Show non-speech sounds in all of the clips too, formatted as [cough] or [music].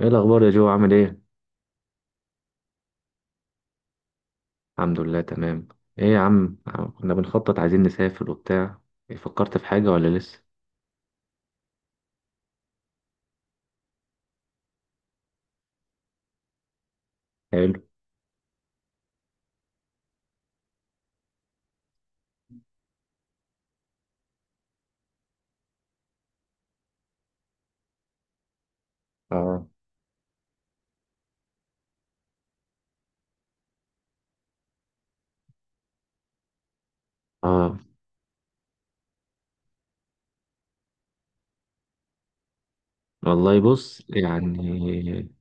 ايه الاخبار يا جو، عامل ايه؟ الحمد لله، تمام. ايه يا عم؟ كنا بنخطط، عايزين نسافر وبتاع. إيه، فكرت في حاجة ولا لسه؟ حلو. اه. اه، والله بص، يعني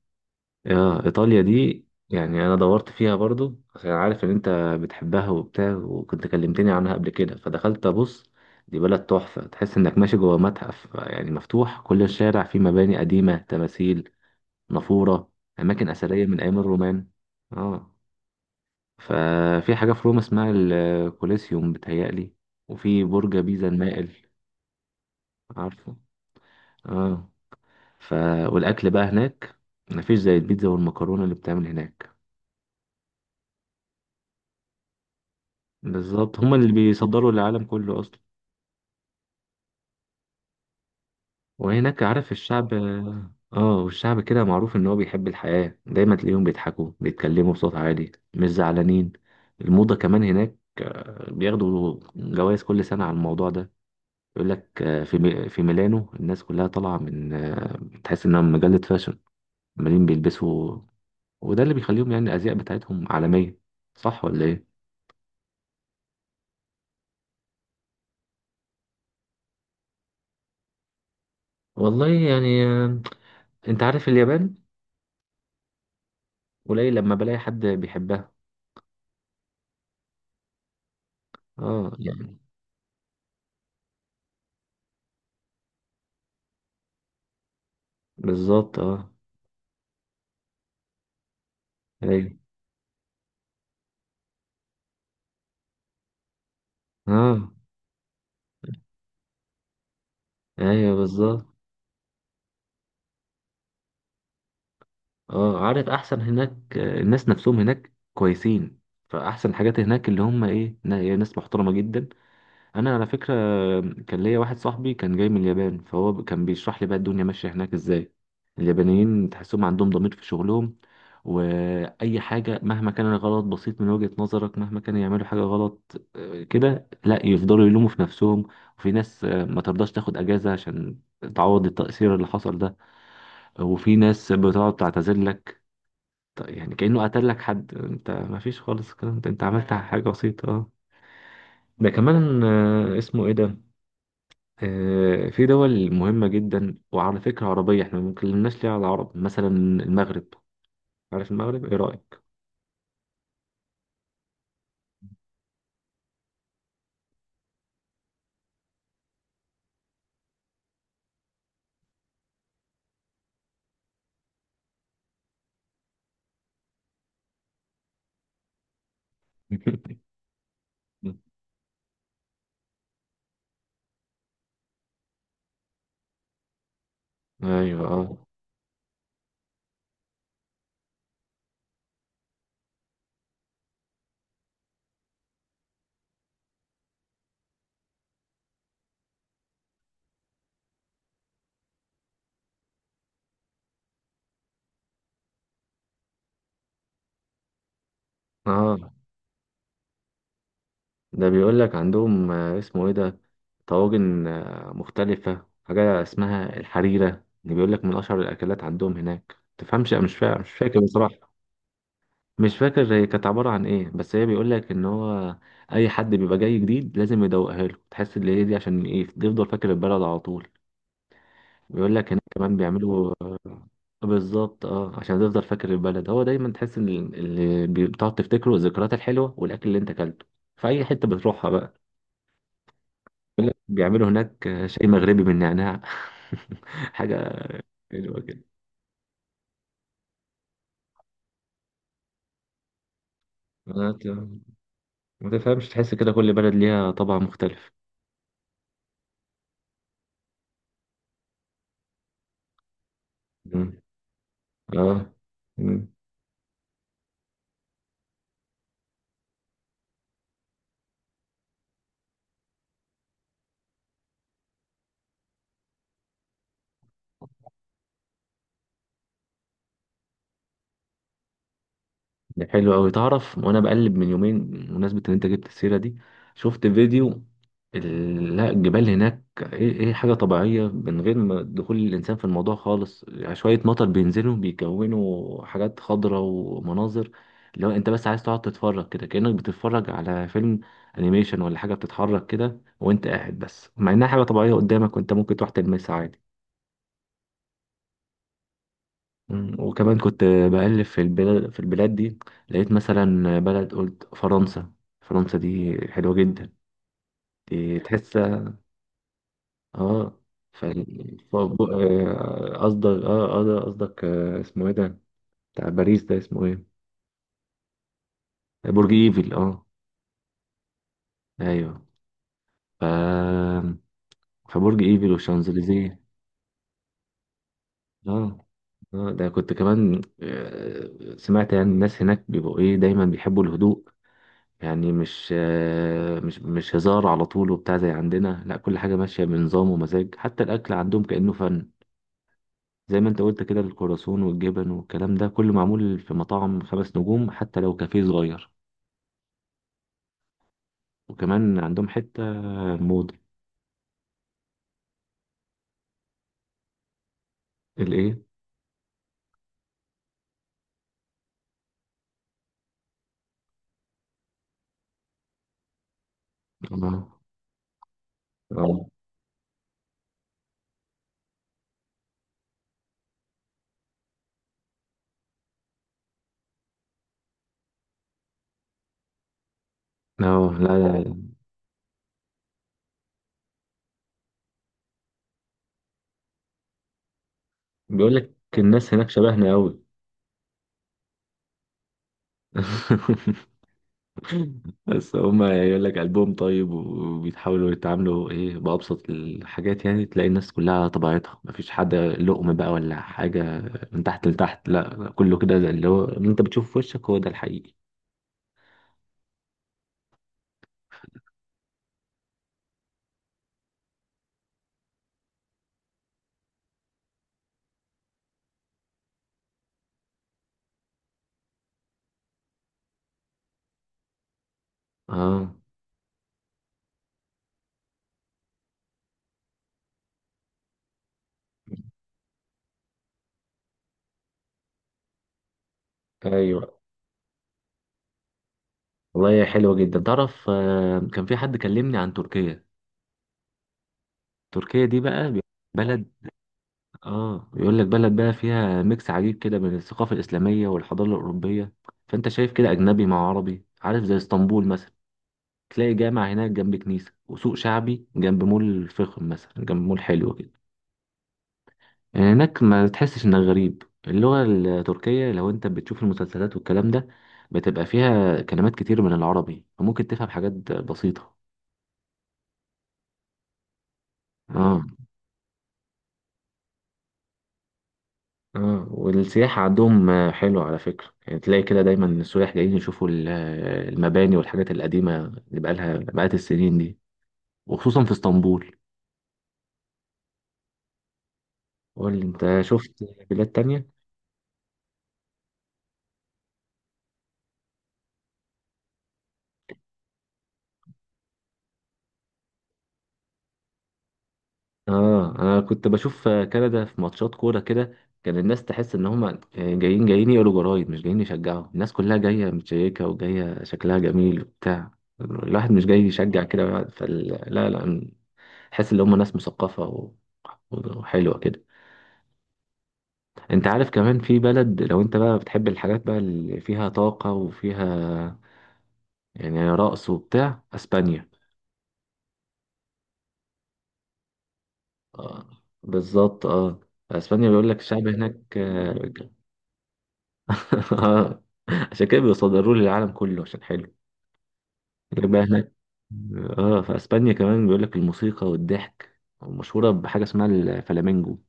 اه ايطاليا دي، يعني انا دورت فيها برضو عشان عارف ان انت بتحبها وبتاع، وكنت كلمتني عنها قبل كده فدخلت ابص. دي بلد تحفة، تحس انك ماشي جوه متحف، يعني مفتوح كل الشارع فيه مباني قديمة، تماثيل، نافورة، اماكن اثرية من ايام الرومان. اه. ففي حاجة في روما اسمها الكوليسيوم بتهيألي، وفي برج بيزا المائل. عارفه؟ اه. ف والأكل بقى هناك، مفيش زي البيتزا والمكرونة اللي بتعمل هناك. بالظبط، هما اللي بيصدروا للعالم كله أصلا. وهناك عارف الشعب، اه، والشعب كده معروف إن هو بيحب الحياة، دايما تلاقيهم بيضحكوا، بيتكلموا بصوت عالي، مش زعلانين. الموضة كمان هناك، بياخدوا جوائز كل سنة على الموضوع ده. يقول لك في في ميلانو الناس كلها طالعه من، تحس انها مجله فاشن. عمالين بيلبسوا. وده اللي بيخليهم يعني الازياء بتاعتهم عالميه. صح ولا ايه؟ والله يعني، انت عارف اليابان، قليل لما بلاقي حد بيحبها. اه، يعني بالظبط. اه، ايوه، اه، ايوه بالظبط. اه، عارف احسن هناك الناس نفسهم هناك كويسين. فاحسن حاجات هناك اللي هم ايه، ناس محترمه جدا. انا على فكره كان ليا واحد صاحبي كان جاي من اليابان، فهو كان بيشرح لي بقى الدنيا ماشيه هناك ازاي. اليابانيين تحسهم عندهم ضمير في شغلهم، واي حاجه مهما كان الغلط بسيط من وجهه نظرك، مهما كانوا يعملوا حاجه غلط كده، لا يفضلوا يلوموا في نفسهم. وفي ناس ما ترضاش تاخد اجازه عشان تعوض التاثير اللي حصل ده. وفي ناس بتقعد تعتذر لك. يعني كأنه قتل لك حد، انت ما فيش خالص الكلام ده، انت عملت حاجة بسيطة. اه، ده كمان اسمه ايه ده. في دول مهمة جدا. وعلى فكرة عربية، احنا ما اتكلمناش ليه على العرب مثلا. المغرب. عارف المغرب، ايه رأيك؟ [laughs] ايوه، اه. اه، ده بيقول لك عندهم اسمه ايه ده، طواجن مختلفة. حاجة اسمها الحريرة اللي بيقول لك من أشهر الأكلات عندهم هناك. تفهمش، مش فاكر بصراحة. مش فاكر هي كانت عبارة عن ايه، بس هي بيقول لك ان هو اي حد بيبقى جاي جديد لازم يدوقها له، تحس ان هي دي عشان ايه يفضل فاكر البلد على طول. بيقول لك هناك كمان بيعملوا بالظبط اه، عشان تفضل فاكر البلد. هو دايما تحس ان اللي بتقعد تفتكره الذكريات الحلوه والاكل اللي انت اكلته في اي حته بتروحها بقى. بيقول لك بيعملوا هناك شاي مغربي بالنعناع [laughs] حاجه حلوه كده. ما ت- ما تفهمش، تحس كده كل بلد ليها طبع مختلف. مم. اه، ده حلو أوي، تعرف. وأنا بقلب من يومين بمناسبة إن أنت جبت السيرة دي، شفت فيديو. لا، الجبال هناك، إيه إيه حاجة طبيعية من غير ما دخول الإنسان في الموضوع خالص، يعني شوية مطر بينزلوا بيكونوا حاجات خضراء ومناظر. لو أنت بس عايز تقعد تتفرج كده كأنك بتتفرج على فيلم أنيميشن ولا حاجة بتتحرك كده، وأنت قاعد بس، مع إنها حاجة طبيعية قدامك وأنت ممكن تروح تلمسها عادي. مم. وكمان كنت بقلب في البلاد دي لقيت مثلا بلد، قلت فرنسا. فرنسا دي حلوة جدا، دي تحسها. اه. ف قصدك، ده قصدك، اسمه ايه ده، بتاع باريس ده اسمه ايه؟ برج ايفل. اه، ايوه. ف فبرج ايفل والشانزليزيه. اه. اه، ده كنت كمان سمعت يعني الناس هناك بيبقوا ايه دايما بيحبوا الهدوء. يعني مش آه، مش مش هزار على طول وبتاع زي عندنا، لا كل حاجة ماشية بنظام ومزاج، حتى الأكل عندهم كأنه فن. زي ما انت قلت كده، الكرواسون والجبن والكلام ده كله معمول في مطاعم خمس نجوم، حتى لو كافيه صغير. وكمان عندهم حتة موضة. الايه؟ اه. اه، لا لا، بيقول لك الناس هناك شبهنا قوي. [laughs] بس هما يقول لك قلبهم طيب، وبيتحاولوا يتعاملوا ايه بأبسط الحاجات، يعني تلاقي الناس كلها على طبيعتها، مفيش حد لقم بقى ولا حاجة من تحت لتحت. لا كله كده زي اللي هو اللي انت بتشوفه في وشك هو ده الحقيقي. اه، ايوه. والله هي حلوة جدا. تعرف، كان في حد كلمني عن تركيا. تركيا دي بقى بلد. اه، بيقول لك بلد بقى فيها ميكس عجيب كده بين الثقافة الإسلامية والحضارة الأوروبية. فانت شايف كده أجنبي مع عربي، عارف، زي اسطنبول مثلا، تلاقي جامع هناك جنب كنيسة، وسوق شعبي جنب مول فخم مثلا، جنب مول حلو كده. يعني هناك ما تحسش انك غريب. اللغة التركية لو انت بتشوف المسلسلات والكلام ده، بتبقى فيها كلمات كتير من العربي، فممكن تفهم حاجات بسيطة. اه. اه، والسياحة عندهم حلوة على فكرة، يعني تلاقي كده دايما السياح جايين يشوفوا المباني والحاجات القديمة اللي بقالها بقالت السنين دي، وخصوصا في اسطنبول. قول لي انت، شفت بلاد تانية؟ اه، انا كنت بشوف كندا في ماتشات كوره كده، كان الناس تحس ان هم جايين يقولوا جرايد مش جايين يشجعوا. الناس كلها جايه متشيكه، وجايه شكلها جميل وبتاع. الواحد مش جاي يشجع كده، لا لا، حس ان هم ناس مثقفه وحلوه كده. انت عارف كمان في بلد، لو انت بقى بتحب الحاجات بقى اللي فيها طاقه وفيها يعني رقص وبتاع، اسبانيا. آه، بالظبط اه. اسبانيا بيقول لك الشعب هناك. [laughs] آه. عشان كده بيصدروه للعالم كله عشان حلو. غير بقى هناك، اه، في اسبانيا كمان بيقول لك الموسيقى والضحك مشهورة بحاجة اسمها الفلامينجو.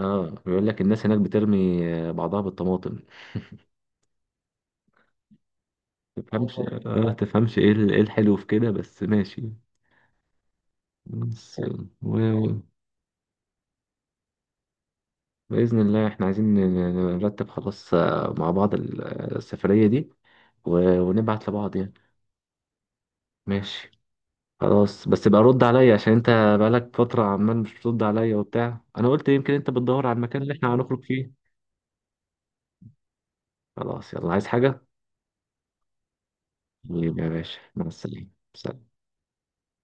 اه، بيقول لك الناس هناك بترمي بعضها بالطماطم. تفهمش، اه تفهمش ايه ايه الحلو في كده، بس ماشي. بس. و... بإذن الله احنا عايزين نرتب خلاص، مع بعض السفرية دي، و... ونبعت لبعض يعني. ماشي. خلاص بس بقى رد عليا عشان انت بقالك فترة عمال مش بترد عليا وبتاع، انا قلت يمكن انت بتدور على المكان اللي احنا هنخرج فيه. خلاص يلا، عايز حاجة؟ حبيبي يا باشا، مع السلامة. سلام.